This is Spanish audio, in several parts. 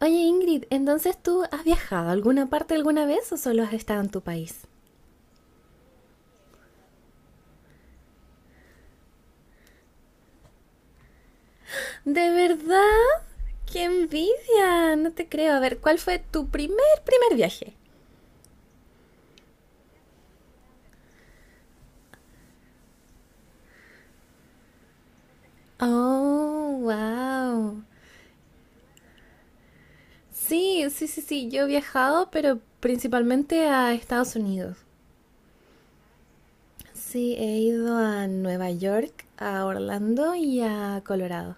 Oye Ingrid, entonces ¿tú has viajado a alguna parte alguna vez o solo has estado en tu país? ¿De verdad? ¡Qué envidia! No te creo. A ver, ¿cuál fue tu primer viaje? Oh, wow. Sí, sí, sí, sí. Yo he viajado, pero principalmente a Estados Unidos. Sí, he ido a Nueva York, a Orlando y a Colorado.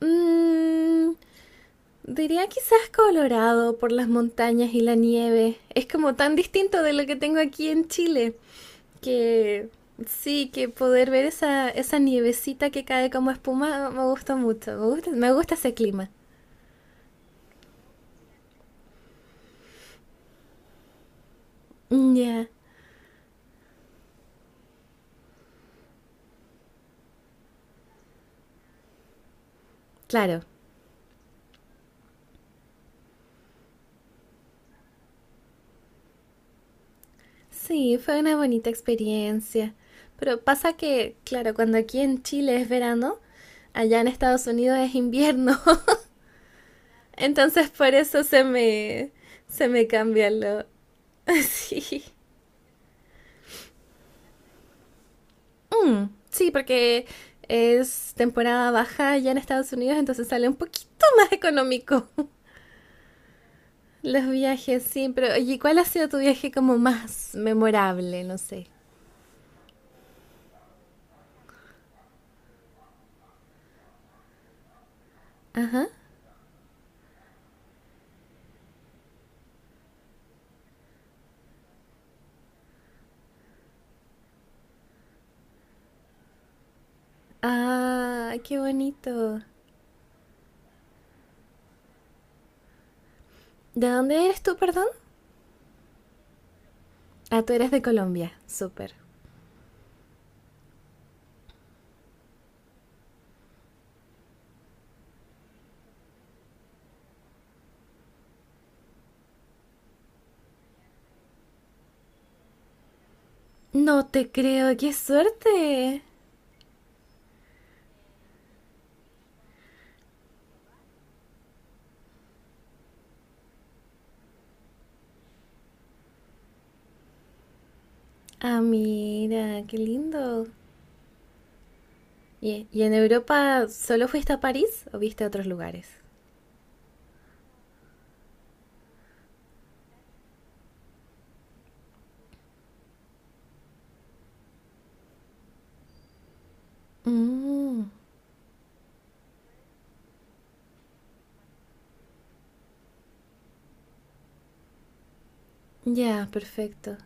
Mm, diría quizás Colorado por las montañas y la nieve. Es como tan distinto de lo que tengo aquí en Chile, que sí, que poder ver esa nievecita que cae como espuma me gusta mucho, me gusta ese clima. Mm, ya, claro. Sí, fue una bonita experiencia. Pero pasa que, claro, cuando aquí en Chile es verano, allá en Estados Unidos es invierno. Entonces por eso se me cambian lo... Sí. Mm, sí, porque es temporada baja ya en Estados Unidos, entonces sale un poquito más económico los viajes, sí. Pero, oye, ¿cuál ha sido tu viaje como más memorable? No sé. Ajá. Ah, qué bonito. ¿De dónde eres tú, perdón? Ah, tú eres de Colombia. Súper. No te creo, qué suerte. Ah, mira, qué lindo. Y en Europa solo fuiste a París o viste a otros lugares? Mm, ya, perfecto.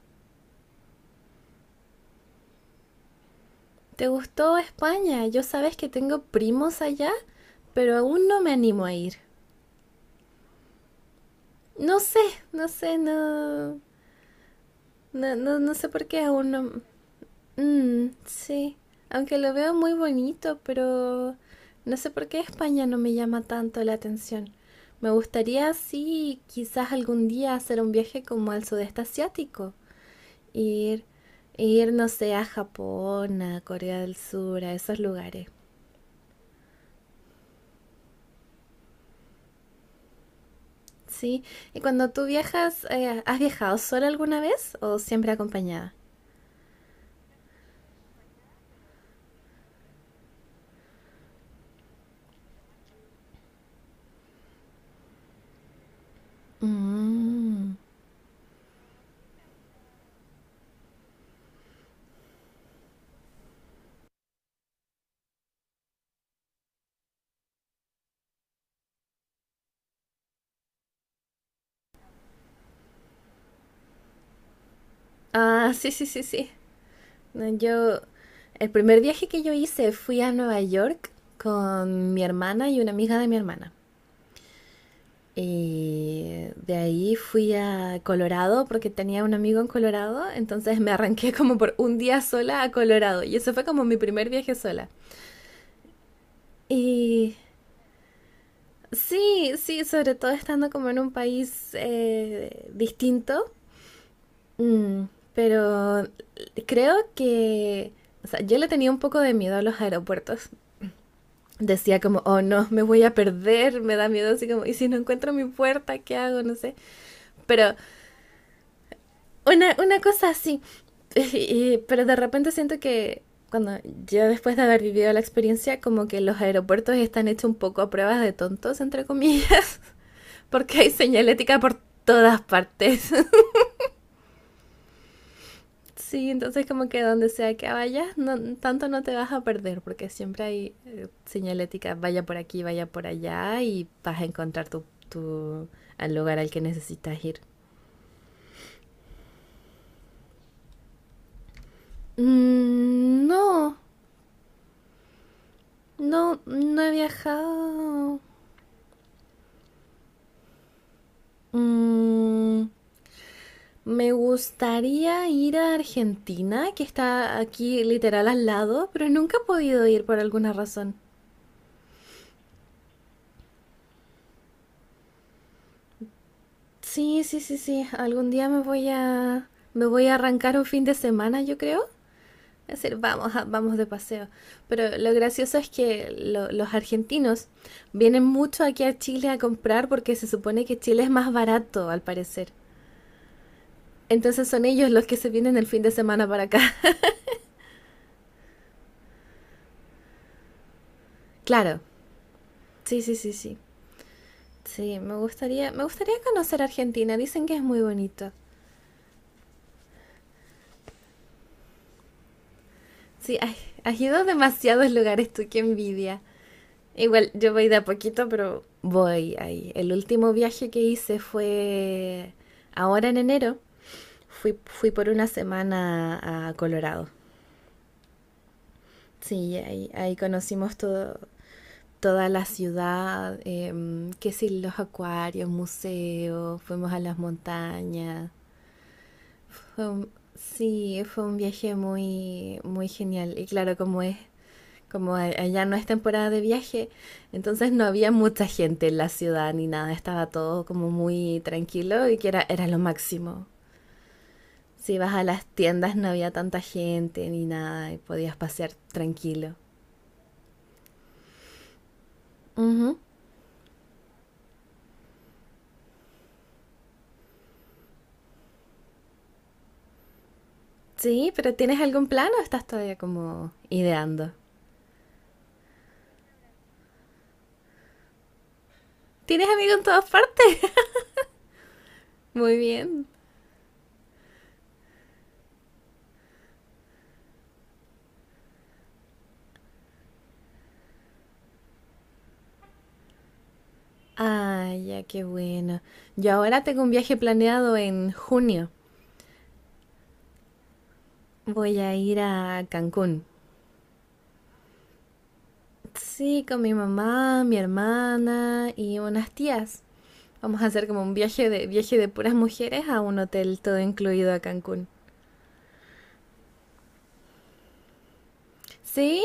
¿Te gustó España? Yo sabes que tengo primos allá, pero aún no me animo a ir. No sé, no sé, no, no, no, no sé por qué aún no. Mm, sí, aunque lo veo muy bonito, pero no sé por qué España no me llama tanto la atención. Me gustaría, sí, quizás algún día hacer un viaje como al sudeste asiático, ir, ir, no sé, a Japón, a Corea del Sur, a esos lugares. Sí, y cuando tú viajas, ¿has viajado sola alguna vez o siempre acompañada? Mm. Ah, sí, sí, sí, sí. No, yo, el primer viaje que yo hice fui a Nueva York con mi hermana y una amiga de mi hermana. Y de ahí fui a Colorado porque tenía un amigo en Colorado, entonces me arranqué como por un día sola a Colorado y eso fue como mi primer viaje sola. Y sí, sí, sobre todo estando como en un país distinto. Mm, pero creo que, o sea, yo le tenía un poco de miedo a los aeropuertos. Decía como, oh no, me voy a perder, me da miedo así como, ¿y si no encuentro mi puerta, qué hago? No sé. Pero una cosa así. Y- pero de repente siento que cuando yo, después de haber vivido la experiencia, como que los aeropuertos están hechos un poco a pruebas de tontos, entre comillas, porque hay señalética por todas partes. Sí, entonces como que donde sea que vayas, no, tanto no te vas a perder, porque siempre hay señalética, vaya por aquí, vaya por allá, y vas a encontrar tu, al lugar al que necesitas ir. Mm, no, no, no he viajado. Mm, me gustaría ir a Argentina, que está aquí literal al lado, pero nunca he podido ir por alguna razón. Sí, sí, sí, sí. Algún día me voy a arrancar un fin de semana, yo creo. Es decir, vamos, a- vamos de paseo. Pero lo gracioso es que lo- los argentinos vienen mucho aquí a Chile a comprar porque se supone que Chile es más barato, al parecer. Entonces son ellos los que se vienen el fin de semana para acá. Claro. Sí, sí, sí, sí. Sí, me gustaría conocer Argentina. Dicen que es muy bonito. Sí, ay, has ido a demasiados lugares tú, qué envidia. Igual, yo voy de a poquito, pero voy ahí. El último viaje que hice fue ahora en enero. Fui, fui por una semana a Colorado. Sí, ahí, ahí conocimos todo, toda la ciudad, em, qué sé, los acuarios, museos, fuimos a las montañas. Sí, fue un viaje muy, muy genial. Y claro, como es allá no es temporada de viaje, entonces no había mucha gente en la ciudad ni nada, estaba todo como muy tranquilo y que era, era lo máximo. Si ibas a las tiendas no había tanta gente ni nada y podías pasear tranquilo. Ujú. Sí, pero ¿tienes algún plan o estás todavía como ideando? ¿Tienes amigos en todas partes? Muy bien. Ay, ya, qué bueno. Yo ahora tengo un viaje planeado en junio. Voy a ir a Cancún. Sí, con mi mamá, mi hermana y unas tías. Vamos a hacer como un viaje de puras mujeres a un hotel todo incluido a Cancún. ¿Sí?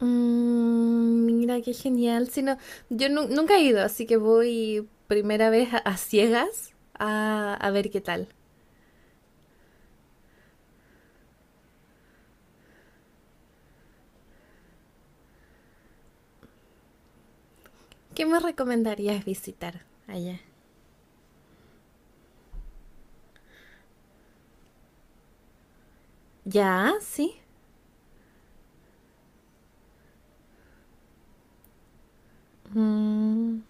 Mm, mira qué genial. Si no, yo nu- nunca he ido, así que voy primera vez a ciegas a ver qué tal. ¿Qué me recomendarías visitar allá? Ya, sí. Mm.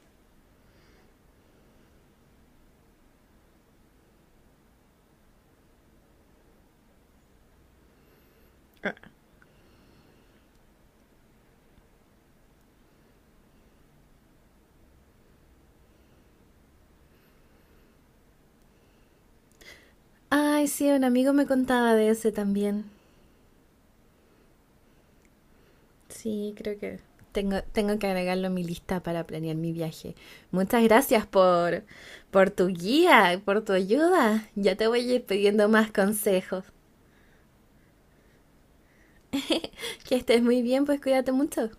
Ay, sí, un amigo me contaba de ese también. Sí, creo que tengo, tengo que agregarlo a mi lista para planear mi viaje. Muchas gracias por tu guía, por tu ayuda. Ya te voy a ir pidiendo más consejos. Que estés muy bien, pues cuídate mucho.